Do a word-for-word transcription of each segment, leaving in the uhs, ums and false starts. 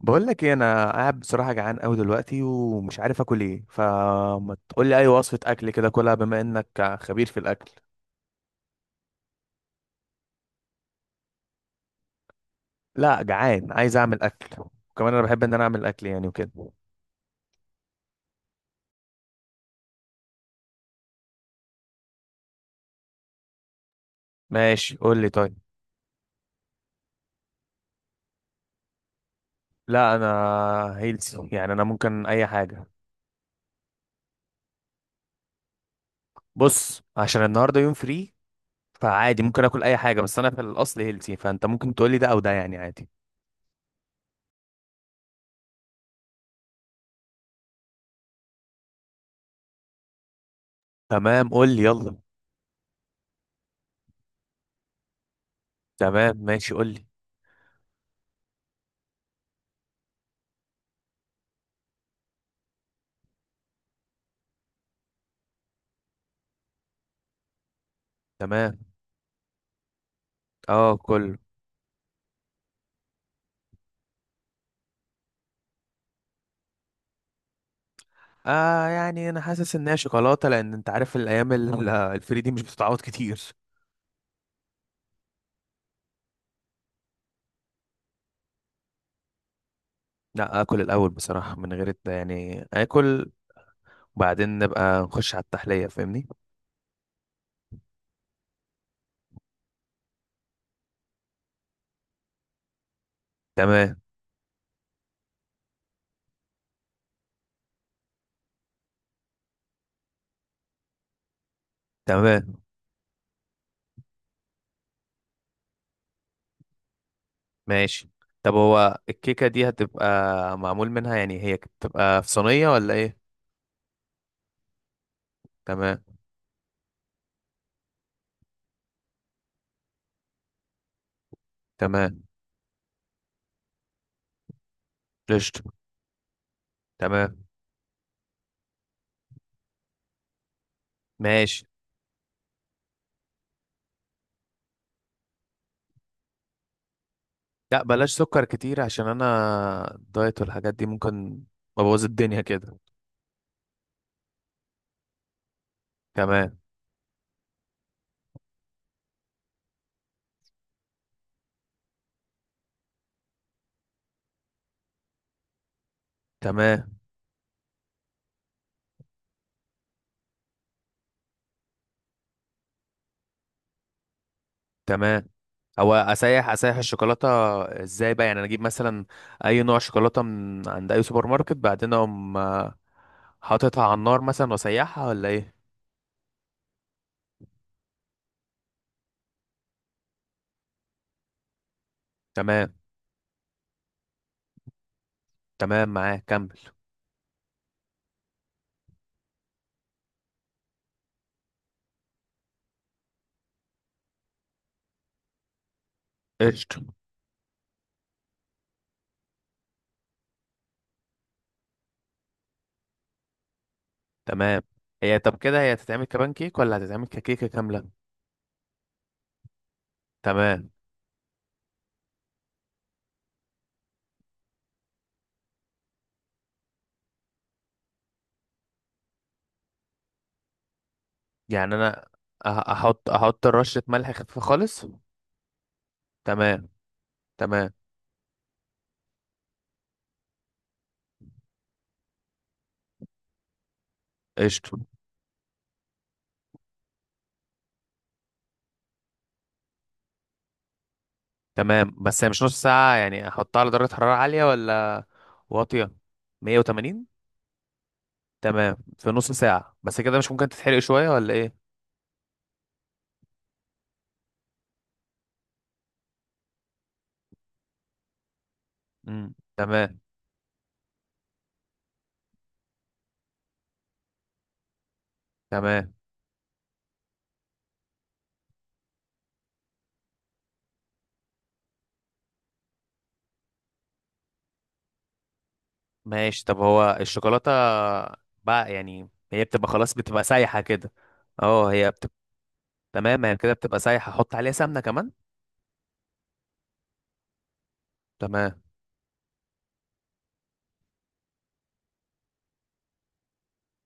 بقول لك ايه، انا قاعد بصراحه جعان قوي دلوقتي ومش عارف اكل ايه، فما تقول لي اي وصفه اكل كده، كلها بما انك خبير في الاكل. لا، جعان عايز اعمل اكل. وكمان انا بحب ان انا اعمل اكل يعني وكده. ماشي، قول لي طيب. لا، انا هيلثي يعني، انا ممكن اي حاجه. بص، عشان النهارده يوم فري. فعادي ممكن اكل اي حاجه، بس انا في الاصل هيلثي، فانت ممكن تقول لي ده او ده يعني عادي. تمام، قول لي يلا. تمام، ماشي، قول لي. تمام، اه كله. آه يعني انا حاسس ان هي شوكولاته، لان انت عارف الايام ال- الفري دي مش بتتعوض كتير. لا، اكل الاول بصراحه، من غير الت- يعني اكل. وبعدين نبقى نخش على التحليه، فاهمني. تمام. تمام، ماشي. طب هو الكيكه دي هتبقى معمول منها، يعني هي بتبقى في صينيه ولا ايه؟ تمام. تمام. قشطه. تمام، ماشي. لا، بلاش سكر كتير عشان انا الدايت والحاجات دي ممكن ابوظ الدنيا كده. تمام. تمام. تمام. هو اسيح اسيح الشوكولاته ازاي بقى؟ يعني انا اجيب مثلا اي نوع شوكولاته من عند اي سوبر ماركت، بعدين اقوم آه، حاططها على النار مثلا واسيحها ولا ايه؟ تمام. تمام معاك، كمل. قشطه. تمام. هي طب كده هي هتتعمل كبان كيك ولا هتتعمل ككيكه كامله؟ تمام. يعني انا أه- احط احط رشه ملح خفيفه خالص. تمام. تمام. قشطه. تمام. بس هي مش نص ساعه؟ يعني احطها على درجه حراره عاليه ولا واطيه؟ مئة وثمانين. تمام، في نص ساعة بس كده مش ممكن تتحرق شوية ولا ايه؟ امم تمام. تمام، ماشي. طب هو الشوكولاتة بقى، يعني هي بتبقى خلاص، بتبقى سايحة كده؟ اه، هي بتبقى. تمام، هي كده بتبقى سايحة، حط عليها سمنة كمان؟ تمام.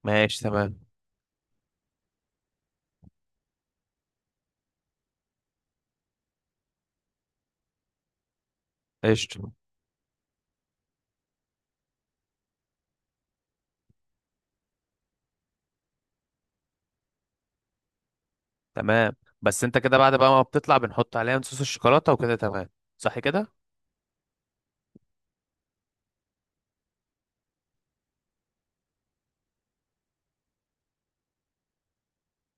ماشي، تمام. قشطة. تمام. بس انت كده بعد بقى ما بتطلع بنحط عليها صوص الشوكولاتة وكده، تمام؟ صح كده؟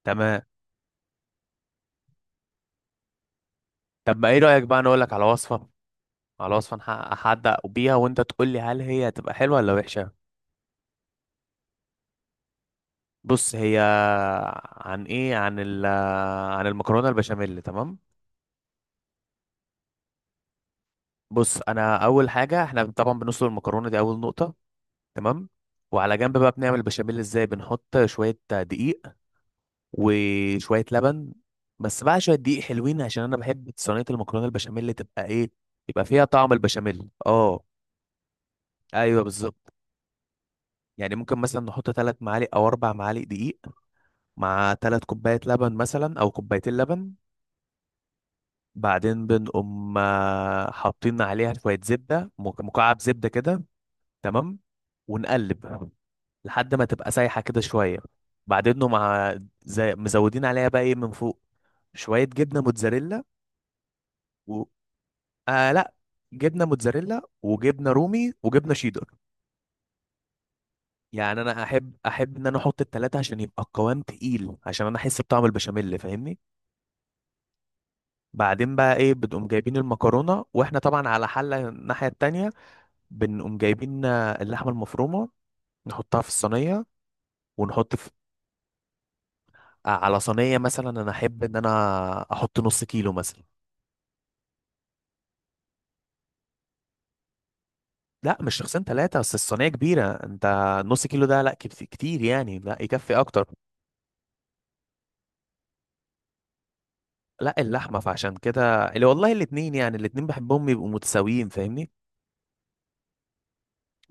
تمام. طب ما ايه رأيك بقى انا اقول لك على وصفة على وصفة نحقق- احدق بيها، وانت تقول لي هل هي هتبقى حلوة ولا وحشة؟ بص هي، عن ايه؟ عن ال عن المكرونه البشاميل، تمام. بص، انا اول حاجه احنا طبعا بنسلق المكرونه دي، اول نقطه. تمام. وعلى جنب بقى بنعمل البشاميل ازاي؟ بنحط شويه دقيق وشويه لبن. بس بقى شويه دقيق حلوين، عشان انا بحب صينيه المكرونه البشاميل تبقى ايه؟ يبقى فيها طعم البشاميل، اه. ايوه، بالظبط. يعني ممكن مثلا نحط ثلاث معالق او اربع معالق دقيق، مع ثلاث كوبايات لبن مثلا او كوبايتين لبن. بعدين بنقوم آه، حاطين عليها شوية زبدة، مك- مكعب زبدة كده. تمام. ونقلب لحد ما تبقى سايحة كده شوية. بعدين نقوم، مع زي مزودين عليها بقى ايه من فوق، شوية جبنة موتزاريلا. و... آه لا، جبنة موتزاريلا وجبنة رومي وجبنة شيدر. يعني انا احب احب ان انا احط التلاتة، عشان يبقى القوام تقيل، عشان انا احس بطعم البشاميل، فاهمني. بعدين بقى ايه، بتقوم جايبين المكرونة، واحنا طبعا على حلة الناحية التانية بنقوم جايبين آه، اللحمه المفرومه. نحطها في الصينيه. ونحط في آه، على صينيه مثلا، انا احب ان انا احط نص كيلو مثلا. لا، مش شخصين ثلاثه، بس الصينيه كبيره انت. نص كيلو ده لا، كت- كتير يعني، لا يكفي اكتر. لا، اللحمه، فعشان كده اللي والله الاتنين، يعني الاتنين بحبهم يبقوا متساويين، فاهمني.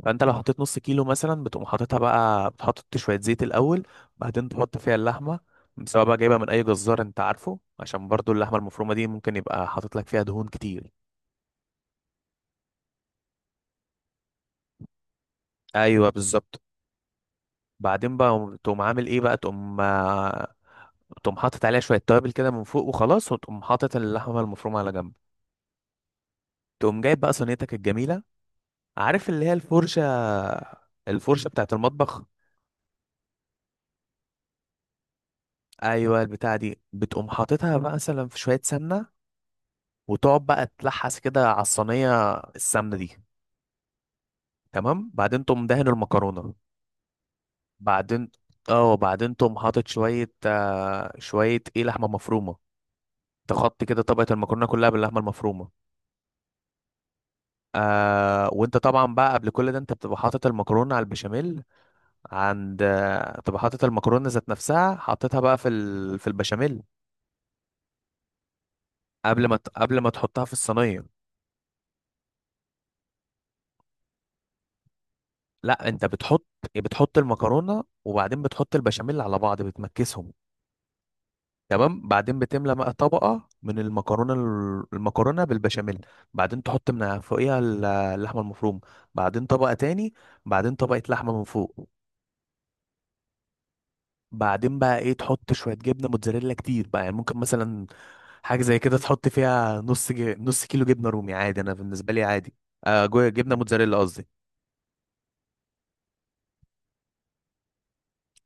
فانت لو حطيت نص كيلو مثلا، بتقوم حاططها بقى، بتحط شويه زيت الاول. بعدين تحط فيها اللحمه. سواء بقى جايبها من اي جزار انت عارفه، عشان برضو اللحمه المفرومه دي ممكن يبقى حاطط لك فيها دهون كتير. ايوه، بالظبط. بعدين بقى تقوم عامل ايه بقى، تقوم آه، تقوم حاطط عليها شويه توابل كده من فوق وخلاص، وتقوم حاطط اللحمه المفرومه على جنب. تقوم جايب بقى صينيتك الجميله، عارف، اللي هي الفرشه، الفرشه بتاعت المطبخ. ايوه، البتاعه دي بتقوم حاططها بقى مثلا في شويه سمنه، وتقعد بقى تلحس كده على الصينيه السمنه دي. تمام. بعدين تقوم دهن المكرونه. بعدين، اه، بعدين تقوم حاطط شويه آه، شويه ايه لحمه مفرومه، تغطي كده طبقه المكرونه كلها باللحمه المفرومه. آه وانت طبعا بقى قبل كل ده انت بتبقى حاطط المكرونه على البشاميل. عند آه، بتبقى حاطط المكرونه ذات نفسها، حاططها بقى في ال... في البشاميل. قبل ما ت- قبل ما تحطها في الصينيه. لا، انت بتحط، بتحط المكرونه وبعدين بتحط البشاميل على بعض، بتمكسهم. تمام. بعدين بتملى بقى طبقه من المكرونه، ال- المكرونه بالبشاميل. بعدين تحط من فوقيها ال- اللحمه المفرومه. بعدين طبقه تاني. بعدين طبقه لحمه من فوق. بعدين بقى ايه، تحط شويه جبنه موتزاريلا كتير بقى، يعني ممكن مثلا حاجه زي كده، تحط فيها نص جي... نص كيلو جبنه رومي، عادي، انا بالنسبه لي عادي. آه جو- جبنه موتزاريلا قصدي.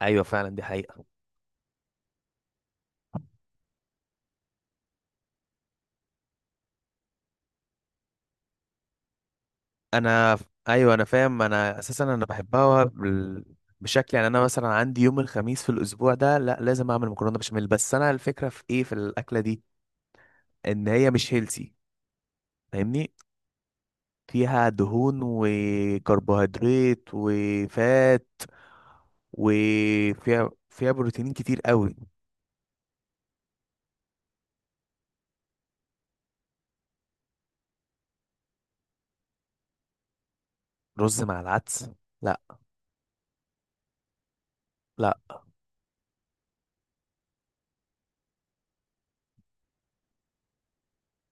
ايوه، فعلا دي حقيقه. انا، ايوه انا فاهم، انا اساسا انا بحبها بال- بشكل يعني، انا مثلا عندي يوم الخميس في الاسبوع ده لا لازم اعمل مكرونه بشاميل، بس انا الفكره في ايه في الاكله دي؟ ان هي مش هيلسي، فاهمني. فيها دهون وكربوهيدرات وفات. وفيها فيها بروتين كتير قوي. رز مع العدس؟ لا. لا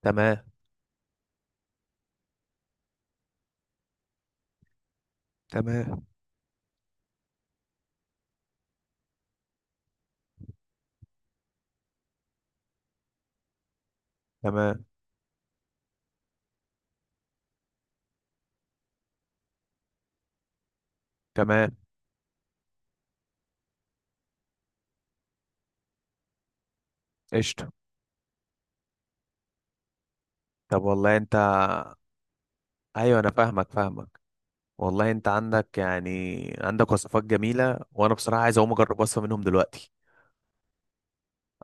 تمام. تمام. تمام. تمام. قشطة. طب والله انت. ايوه انا فاهمك فاهمك. والله انت عندك، يعني عندك وصفات جميلة، وانا بصراحة عايز اقوم اجرب وصفة منهم دلوقتي.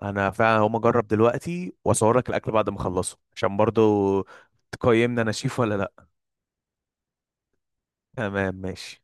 انا فعلا هقوم اجرب دلوقتي واصور لك الاكل بعد ما اخلصه، عشان برضو تقيمني انا شيف ولا لا. تمام ماشي.